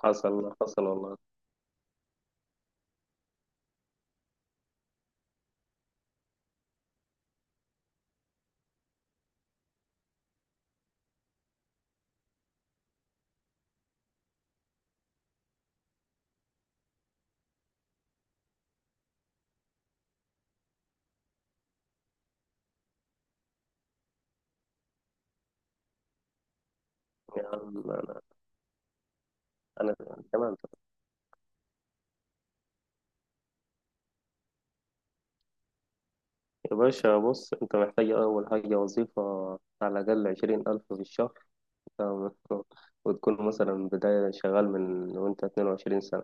حصل حصل والله. يا عم، أنا تمام. يا باشا بص، أنت محتاج أول حاجة وظيفة، على الأقل 20,000 في الشهر. تمام؟ وتكون مثلا بداية شغال من وأنت 22 سنة،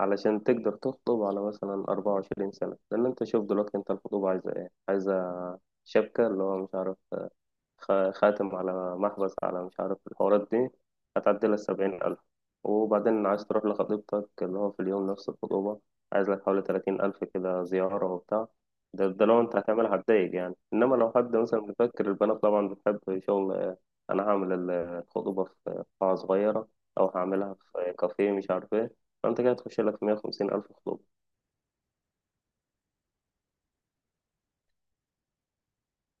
علشان تقدر تخطب على مثلا 24 سنة. لأن أنت شوف دلوقتي، أنت الخطوبة عايزة إيه؟ عايزة شبكة، اللي هو مش عارف، خاتم على محبس على مش عارف الحوارات دي، هتعدي لك 70,000. وبعدين عايز تروح لخطيبتك اللي هو في اليوم نفس الخطوبة، عايز لك حوالي 30,000 كده، زيارة وبتاع. ده لو أنت هتعملها هتضايق يعني، إنما لو حد مثلا بيفكر، البنات طبعا بتحب شغل أنا هعمل الخطوبة في قاعة صغيرة، أو هعملها في كافيه مش عارف إيه. فأنت كده تخش لك 150,000 خطوبة.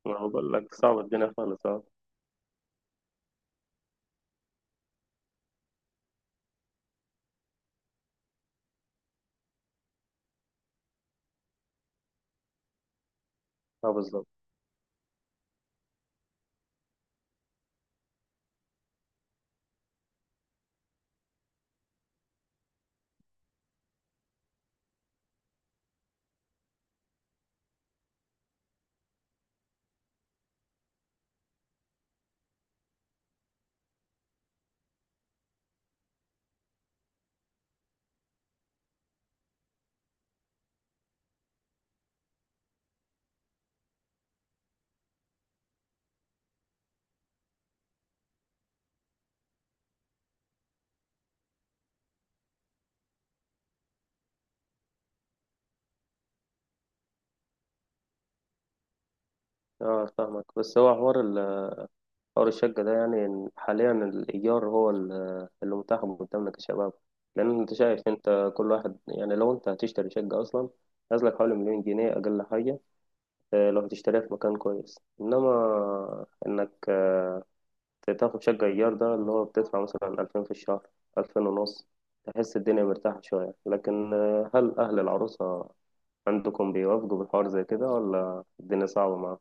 أنا بقول لك صعب، الدنيا خالص أه. بالظبط. أه فاهمك، بس هو حوار، حوار الشقة ده يعني إن حاليا الإيجار هو اللي متاح قدامنا كشباب. لأن أنت شايف، أنت كل واحد يعني لو أنت هتشتري شقة أصلا، نازلك حوالي 1,000,000 جنيه أقل حاجة لو هتشتريها في مكان كويس. إنما إنك تاخد شقة إيجار، ده اللي هو بتدفع مثلا 2,000 في الشهر، 2,500، تحس الدنيا مرتاحة شوية. لكن هل أهل العروسة عندكم بيوافقوا بالحوار زي كده، ولا الدنيا صعبة معاهم؟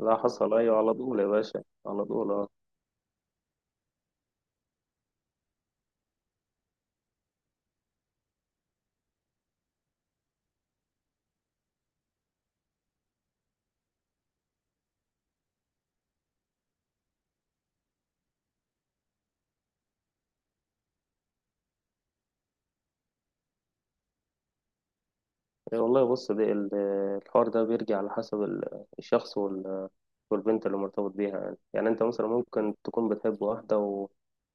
لا حصل، أيوة على طول يا باشا، على طول آه. إيه، والله بص، الحوار ده بيرجع على حسب الشخص والبنت اللي مرتبط بيها. يعني يعني انت مثلا ممكن تكون بتحب واحدة و...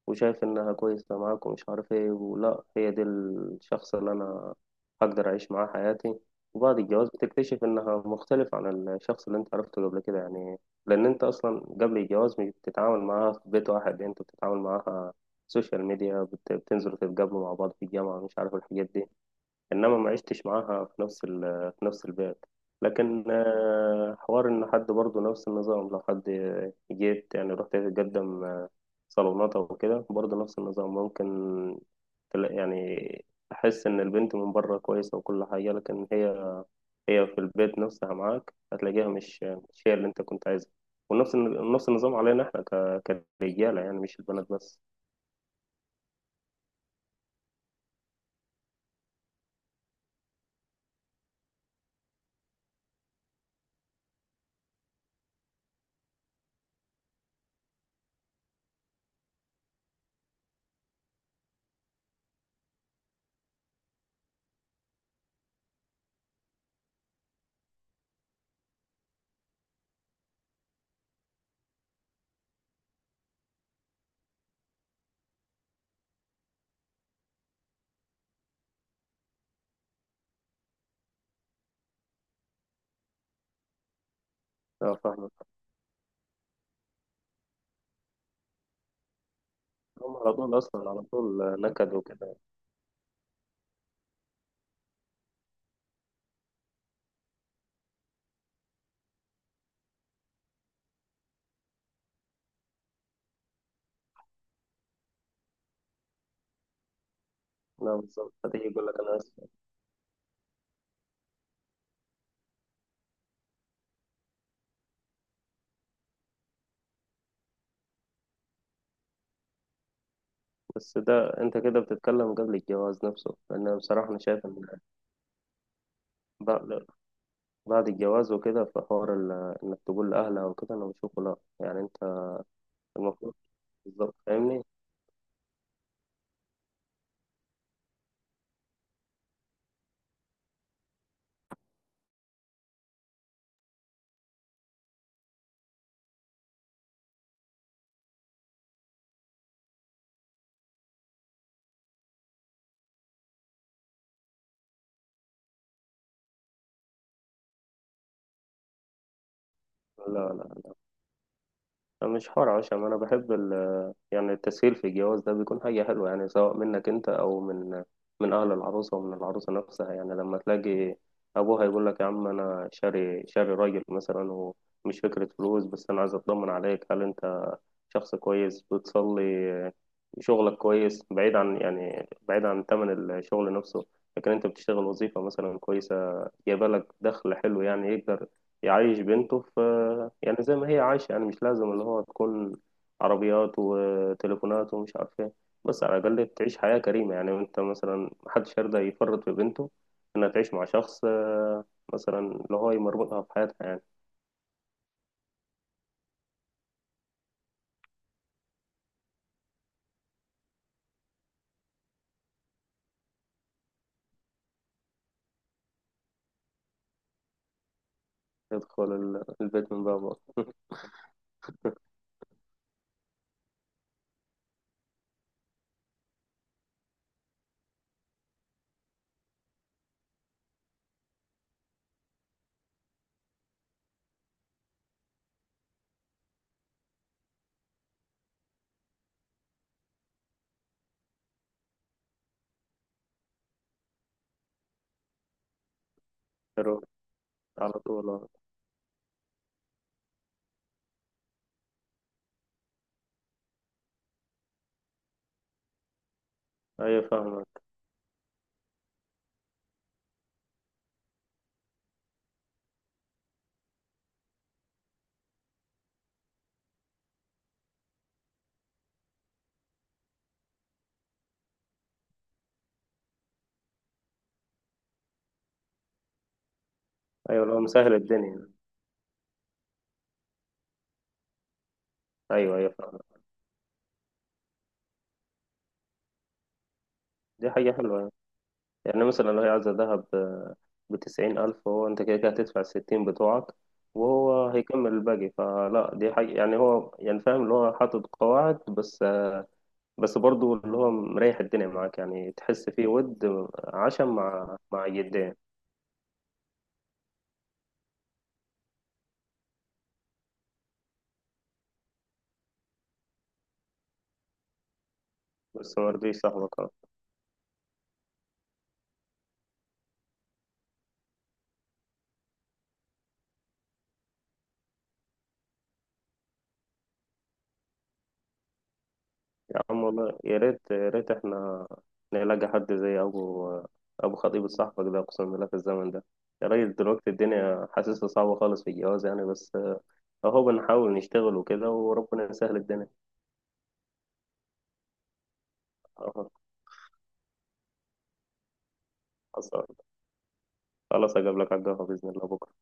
وشايف انها كويسة معاك ومش عارف ايه، ولا هي دي الشخص اللي انا هقدر اعيش معاه حياتي. وبعد الجواز بتكتشف انها مختلف عن الشخص اللي انت عرفته قبل كده. يعني لان انت اصلا قبل الجواز مش بتتعامل معاها في بيت واحد، انت بتتعامل معاها سوشيال ميديا، بتنزلوا تتقابلوا مع بعض في الجامعة، مش عارف الحاجات دي. انما ما عشتش معاها في نفس ال في نفس البيت. لكن حوار ان حد برضه نفس النظام، لو حد جيت يعني رحت تقدم صالونات او كده، برضه نفس النظام ممكن يعني تحس ان البنت من بره كويسه وكل حاجه، لكن هي هي في البيت نفسها معاك هتلاقيها مش هي اللي انت كنت عايزها. ونفس نفس النظام علينا احنا كرجاله، يعني مش البنات بس. اه فاهمك. هم على طول اصلا، على طول نكد وكده. لا بالظبط، هتيجي يقول لك انا اسف. بس ده انت كده بتتكلم قبل الجواز نفسه، لان انا بصراحه انا شايف ان بعد بعد الجواز وكده، في حوار انك تقول لاهلها وكده، انا بشوفه لا يعني. انت المفروض، بالظبط فاهمني. لا لا، مش حوار عشان انا بحب ال، يعني التسهيل في الجواز ده بيكون حاجة حلوة، يعني سواء منك انت او من من اهل العروسة ومن العروسة نفسها. يعني لما تلاقي ابوها يقول لك يا عم، انا شاري شاري راجل مثلا، ومش فكرة فلوس بس، انا عايز اطمن عليك، هل انت شخص كويس، بتصلي، شغلك كويس، بعيد عن يعني بعيد عن ثمن الشغل نفسه، لكن انت بتشتغل وظيفة مثلا كويسة جايبه لك دخل حلو، يعني يقدر يعيش بنته في، يعني زي ما هي عايشة. يعني مش لازم اللي هو تكون عربيات وتليفونات ومش عارف ايه، بس على الأقل تعيش حياة كريمة. يعني انت مثلا محدش يرضى يفرط في بنته انها تعيش مع شخص مثلا اللي هو يمرمطها في حياتها يعني. يدخل البيت من بابه. يروح على طول آه. ايوه فاهمك. ايوه اللي هو مسهل الدنيا. ايوه ايوه فاهمك، دي حاجة حلوة. يعني مثلا لو هي عايزة ذهب بـ90,000، هو أنت كده كده هتدفع الـ60 بتوعك، وهو هيكمل الباقي. فلا دي حاجة يعني، هو يعني فاهم اللي هو حاطط قواعد، بس بس برضه اللي هو مريح الدنيا معاك، يعني تحس فيه ود، عشم مع جدين. بس ما رضيش صاحبك أه. يا عم والله، يا ريت يا ريت احنا نلاقي حد زي أبو، خطيب صاحبك ده، أقسم بالله في الزمن ده. يا راجل دلوقتي الدنيا حاسسها صعبة خالص في الجواز يعني، بس اهو بنحاول نشتغل وكده، وربنا يسهل الدنيا. اهو حصل. خلاص هجيب لك على القهوة بإذن الله بكرة.